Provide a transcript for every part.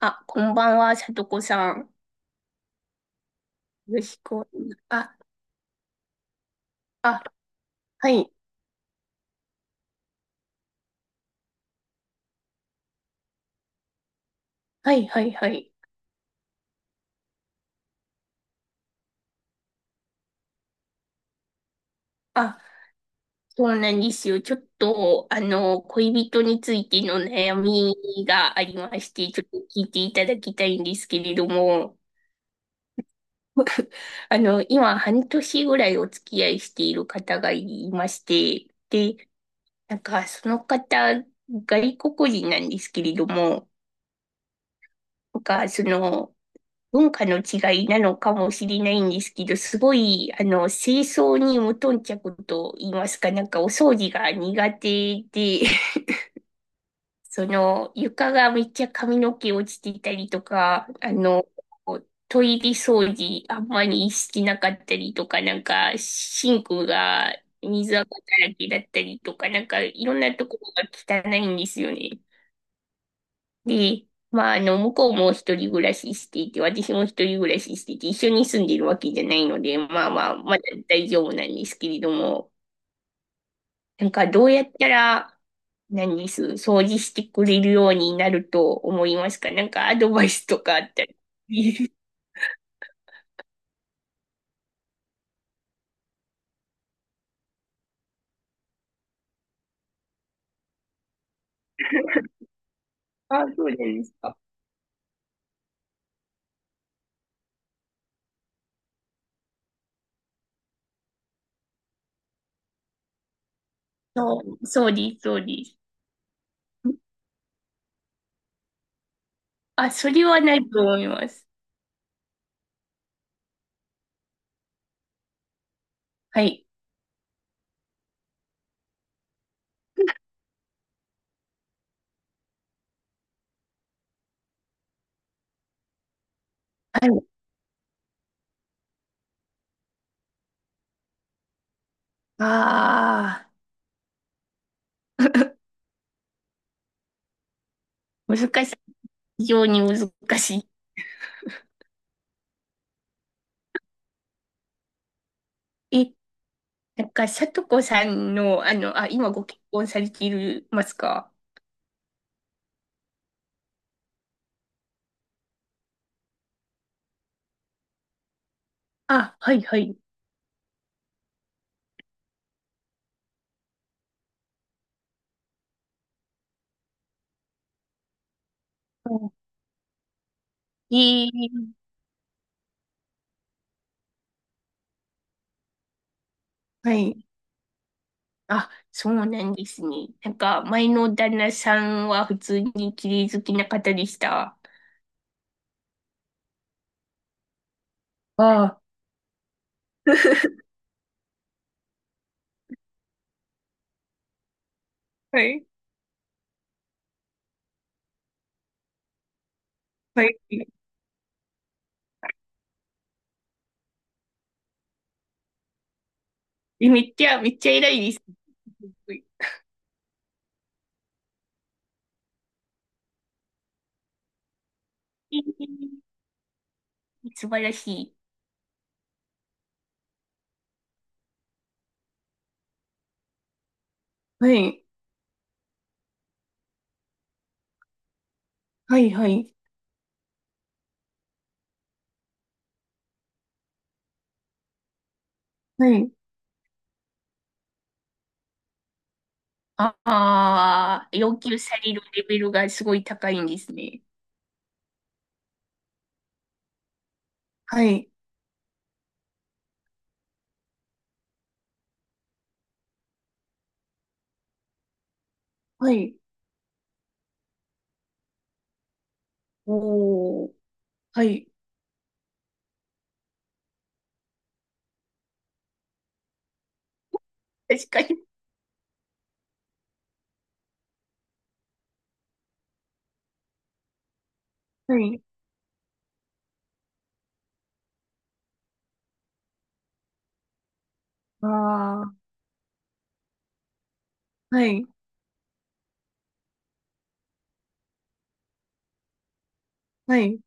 あ、こんばんは、さとこさん。よろしくお願い。あ、あ、はい、はい、はい、はい。あ、そうなんですよ。ちょっと、恋人についての悩みがありまして、ちょっと聞いていただきたいんですけれども、今、半年ぐらいお付き合いしている方がいまして、で、なんか、その方、外国人なんですけれども、なんか、文化の違いなのかもしれないんですけど、すごい、清掃に無頓着と言いますか、なんかお掃除が苦手で、その、床がめっちゃ髪の毛落ちてたりとか、トイレ掃除あんまりしてなかったりとか、なんか、シンクが水垢だらけだったりとか、なんか、いろんなところが汚いんですよね。で、まあ、向こうも一人暮らししていて、私も一人暮らししていて、一緒に住んでるわけじゃないので、まあまあ、まだ大丈夫なんですけれども、なんかどうやったら、何です、掃除してくれるようになると思いますか？なんかアドバイスとかあったり。あ、そうです。そう、そうです、そうです。あ、それはないと思います。はい。はい。ああ、難しい。非常に難しい。え、なんか、さとこさんの、あ、今ご結婚されているますか？あ、はい、はい。うん、ええ、はい。あ、そうなんですね。なんか、前の旦那さんは普通に綺麗好きな方でした？ああ。はい、はい。え、めっちゃ、めっちゃ偉いです。すごい、ええ、素晴らしい。はい、はい、はい、はい。ああ、要求されるレベルがすごい高いんですね。はい、はい。おー。はい。確かに。はい。ああ、はい、はい、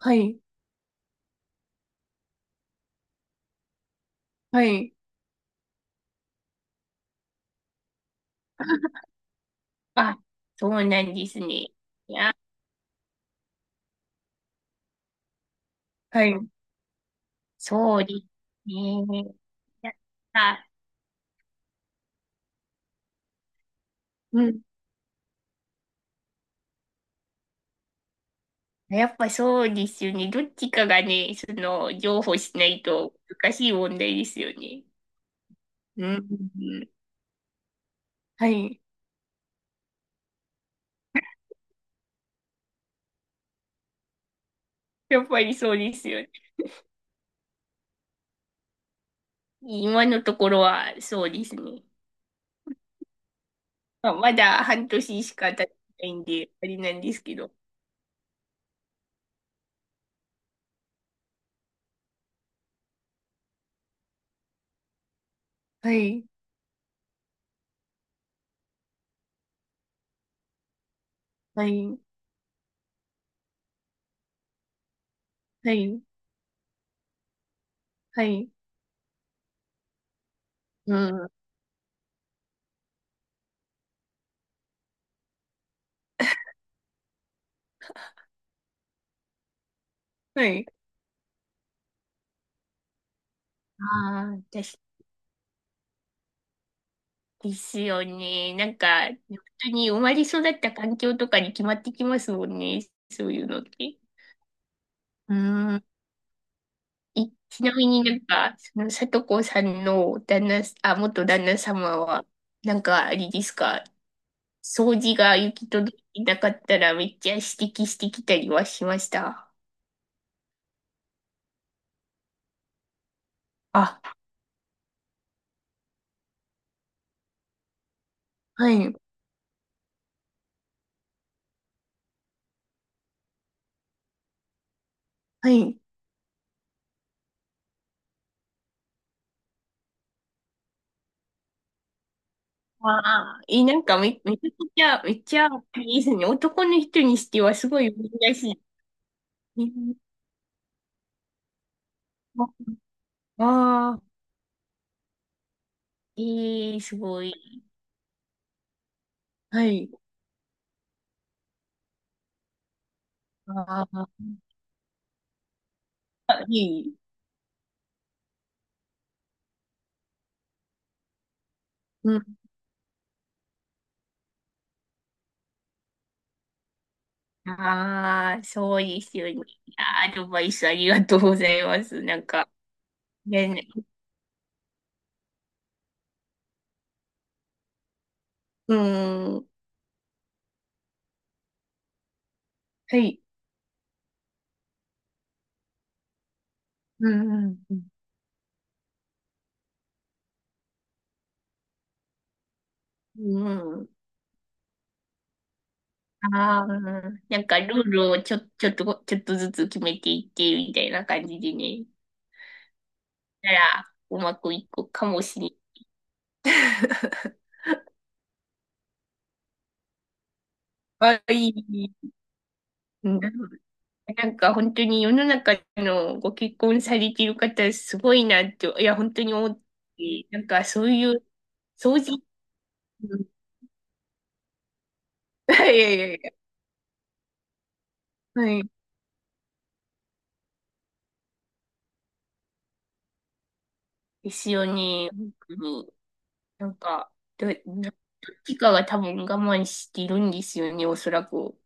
はい、はい、あ、そうなんですね。いや、はい。そうですね。やった、うん。やっぱそうですよね。どっちかがね、その、譲歩しないと難しい問題ですよね。うん。うん、はい。やっぱりそうですよね。今のところはそうですね。まあ、まだ半年しか経ってないんで、あれなんですけど。はい。はい。はい。はい。うん。はい。ああ、ですよね。なんか、本当に生まれ育った環境とかに決まってきますもんね。そういうのって。うん。いちなみになんか、その、さとこさんの旦那、あ、元旦那様は、なんか、あれですか、掃除が行き届いてなかったらめっちゃ指摘してきたりはしました？あ、はい。はい。ああ、いい、なんかめちゃくちゃ、めっちゃいいですね。男の人にしてはすごい珍しい。えーああ、ええ、すごい。はい。ああ、いい。うん。ああ、そうですよね。あーアドバイスありがとうございます。なんか、ね、うん。はい。うん。うん。うん。ああー、なんかルールをちょっと、ちょっとずつ決めていって、みたいな感じでね。たらうまくいくかもしれない。はい。うん。ない。なんか本当に世の中のご結婚されている方すごいなって、いや本当に思って、なんかそういう掃除、うん いやいやいや、はい。ですよね。本当に。なんか、どっちかが多分我慢しているんですよね、おそらく。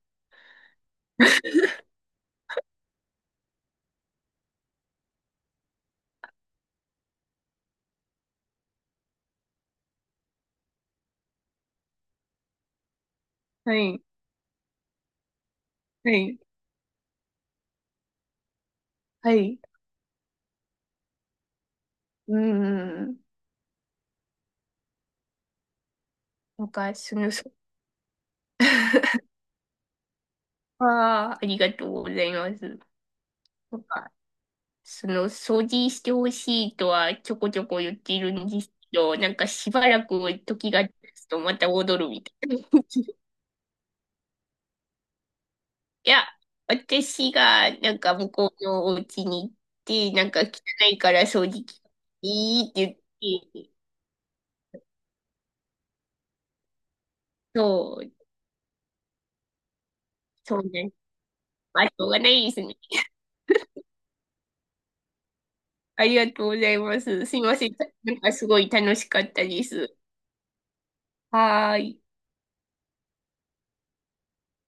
はい。はい。はい。うん。うん、なんか、その、そ ああ、ありがとうございます。なんかその掃除してほしいとはちょこちょこ言っているんですけど、なんかしばらく時が経つとまた戻るみたいな。いや、私がなんか向こうのお家に行って、なんか汚いから掃除機いいって言って、そう、そうね。あ、しょうがないですね。ありがとうございます。すいません。なんかすごい楽しかったです。はーい。